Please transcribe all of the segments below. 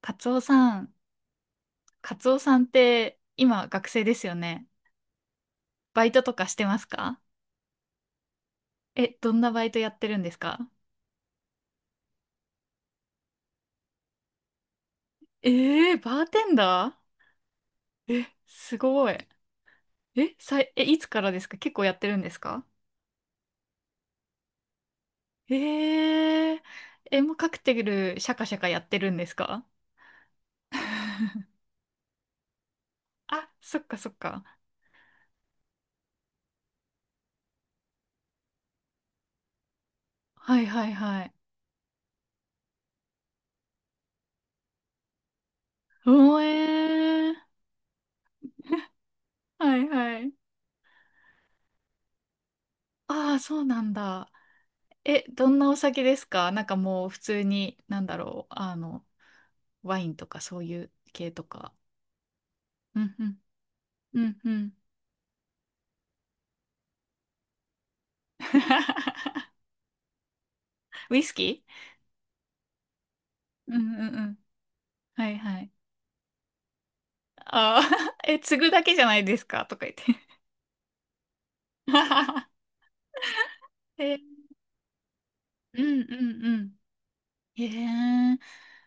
カツオさん、カツオさんって今学生ですよね。バイトとかしてますか？え、どんなバイトやってるんですか？バーテンダーえ、すごい。え、いつからですか？結構やってるんですか？えー、え、もうカクテルシャカシャカやってるんですか？ あ、そっかそっか。はいはいはい。おーえー。はいはい。ああ、そうなんだ。え、どんなお酒ですか？なんかもう普通に、なんだろう、ワインとかそういう系とか。うんうん。うんうん。ウイスキーうんうんうん。はいはい。ああ、え、継ぐだけじゃないですかとか言って。え、うんうんうん。へえ、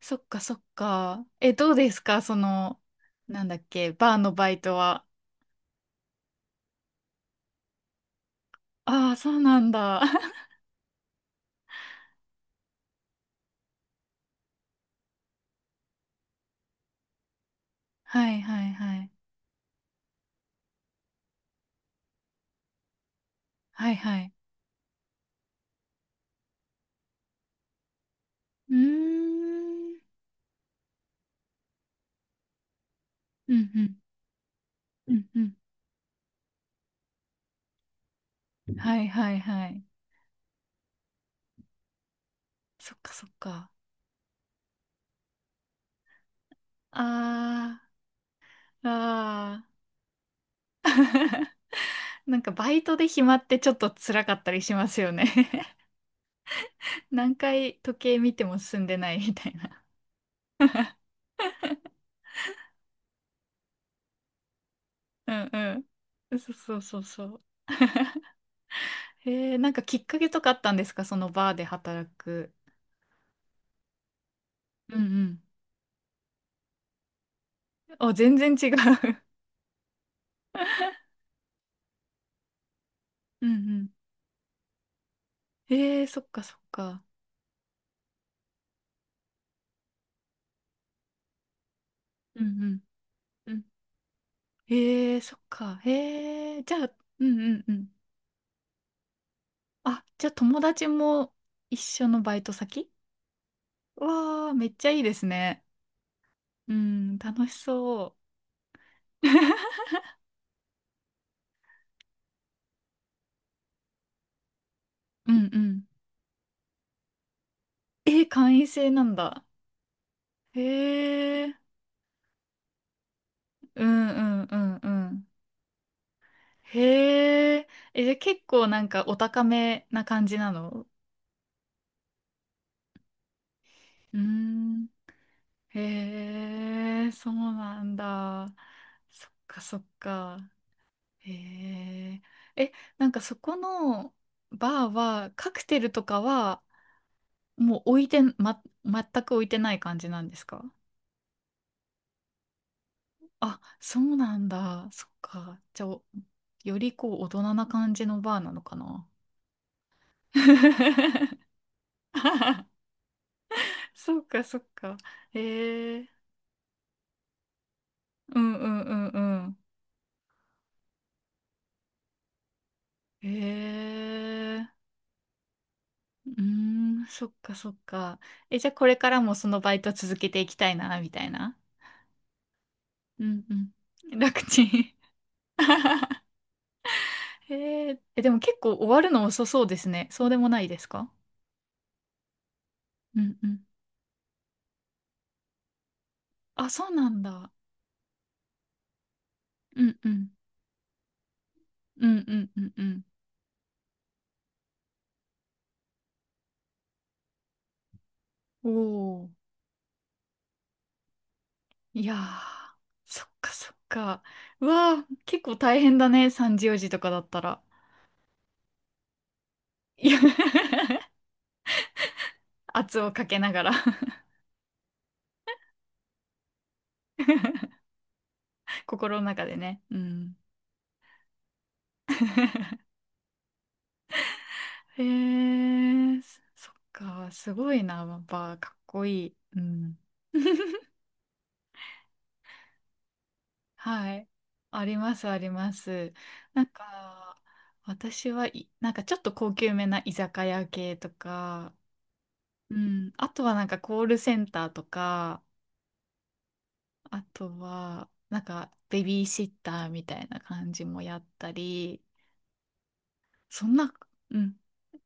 そっかそっか。え、どうですか、その、なんだっけ、バーのバイトは。ああ、そうなんだ。はいはいはい。はいはい。うーん。うんうん。うんうん。はいはいはい。そっかそっか。ああ。ああ、なんかバイトで暇ってちょっと辛かったりしますよね？ 何回時計見ても進んでないみたいな。うんうん。そうそうそうそう。へえ、なんかきっかけとかあったんですか、そのバーで働く。うんうん。あ、全然違う うんうん。へえ、そっかそっか。うんうん。うんへえ、そっか。へえ、じゃあ、うんうんうん。あ、じゃあ友達も一緒のバイト先？わあ、めっちゃいいですね。うん、楽しそう。うんうん。え、会員制なんだ。へえ、うんうんうんうん。へえ、え、じゃあ結構なんかお高めな感じなの？うーん。へえ、そうなんだ。そっかそっか。へえ。え、なんかそこのバーはカクテルとかはもう置いて、ま、全く置いてない感じなんですか？あ、そうなんだ。そっか。じゃあ、およりこう、大人な感じのバーなのかな。そっか、そっか。ええうんうんうんうん。ええうーん、そっか、そっか。え、じゃあ、これからもそのバイト続けていきたいな、みたいな。うんうん。楽ちん。ええ、でも結構終わるの遅そうですね。そうでもないですか？うんうん。あ、そうなんだ。うんうん。うんうんうんうん。おおいやー、そっかそっか。うわー、結構大変だね、3時4時とかだったら。いや 圧をかけながら 心の中でね。うん。へえ、そっか、すごいな、やっぱかっこいい。うん。はい。あります、あります。なんか、私はい、なんかちょっと高級めな居酒屋系とか、うん。あとはなんかコールセンターとか、あとは、なんか、ベビーシッターみたいな感じもやったり、そんな、うん、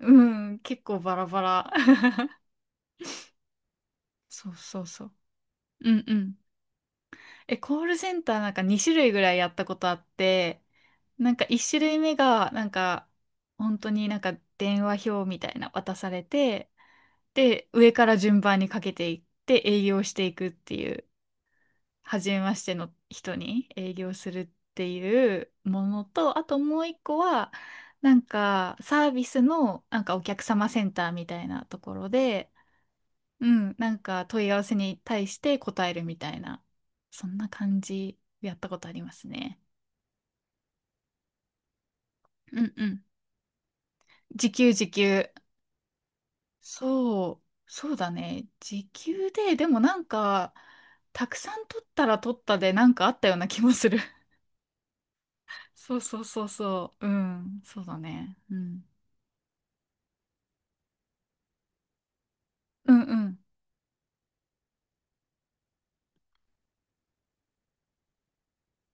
うん、結構バラバラ。そうそうそう。うんうん。え、コールセンターなんか2種類ぐらいやったことあって、なんか1種類目が、なんか、本当になんか電話表みたいな渡されて、で、上から順番にかけていって営業していくっていう。初めましての人に営業するっていうものと、あともう一個は、なんかサービスのなんかお客様センターみたいなところで、うん、なんか問い合わせに対して答えるみたいな、そんな感じでやったことありますね。うんうん。時給時給。そう、そうだね。時給で、でもなんか、たくさん取ったら取ったでなんかあったような気もする。そうそうそうそう。うん。そうだね。うん。うんうん。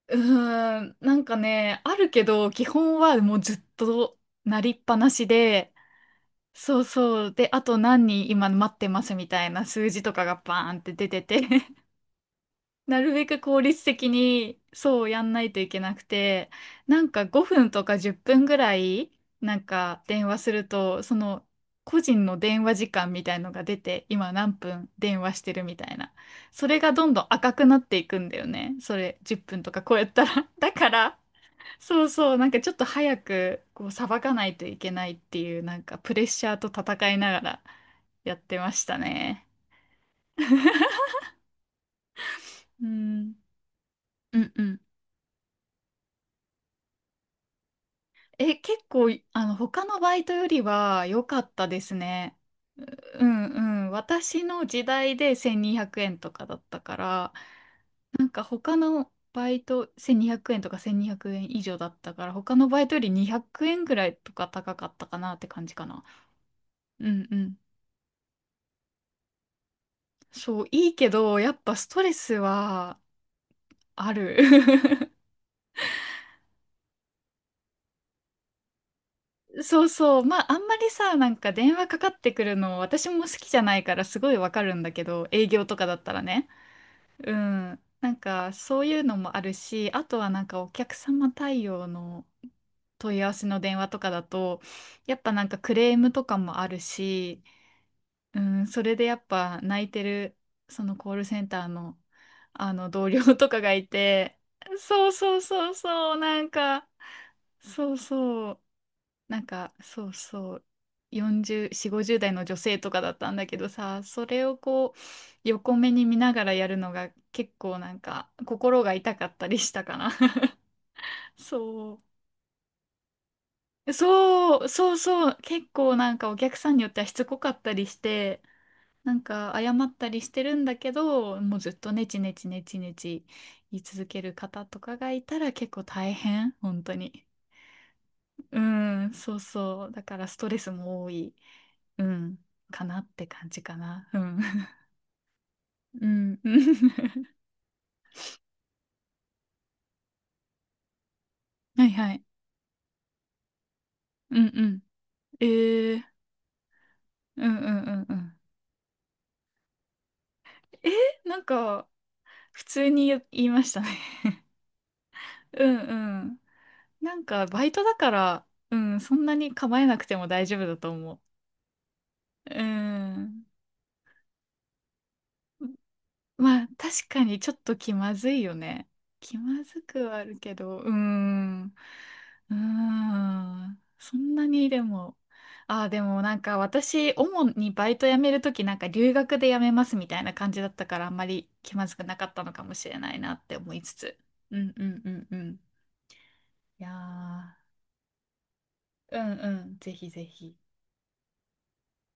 うーん。なんかね、あるけど、基本はもうずっとなりっぱなしで、そうそう。で、あと何人今待ってますみたいな数字とかがバーンって出てて、なるべく効率的にそうやんないといけなくて、なんか5分とか10分ぐらい、なんか電話すると、その個人の電話時間みたいのが出て、今何分電話してるみたいな。それがどんどん赤くなっていくんだよね。それ10分とかこうやったら。だから、そうそう、なんかちょっと早くこうさばかないといけないっていう、なんかプレッシャーと戦いながらやってましたね。うん。うんうん。え、結構、他のバイトよりは良かったですね。うんうん。私の時代で1200円とかだったから、なんか他のバイト1200円とか1200円以上だったから、他のバイトより200円ぐらいとか高かったかなって感じかな。うんうん。そう、いいけど、やっぱストレスはある。そうそう。まあ、あんまりさ、なんか電話かかってくるの、私も好きじゃないからすごいわかるんだけど、営業とかだったらね。うん。なんか、そういうのもあるし、あとはなんかお客様対応の問い合わせの電話とかだと、やっぱなんかクレームとかもあるし、うん、それでやっぱ泣いてる、そのコールセンターの、あの同僚とかがいて、そうそうそうそう、なんか、そうそう。なんかそうそう、40、4、50代の女性とかだったんだけどさ、それをこう横目に見ながらやるのが結構なんか心が痛かったりしたかな。そう。そう、そうそう。結構なんかお客さんによってはしつこかったりして、なんか謝ったりしてるんだけど、もうずっとネチネチネチネチ言い続ける方とかがいたら結構大変、本当に。うん、そうそう。だからストレスも多い。うん。かなって感じかな。うん。うん。うん はいはい。うんうん。えー、うんうんうんうん。え、なんか、普通に言いましたね。うんうん。なんか、バイトだから、うん、そんなに構えなくても大丈夫だと思う。うん。まあ、確かにちょっと気まずいよね。気まずくはあるけど、うーん。うーん。そんなにでも。ああ、でもなんか私、主にバイト辞めるときなんか留学で辞めますみたいな感じだったからあんまり気まずくなかったのかもしれないなって思いつつ。うんうんうんうん。いやー、うんうん、ぜひぜひ。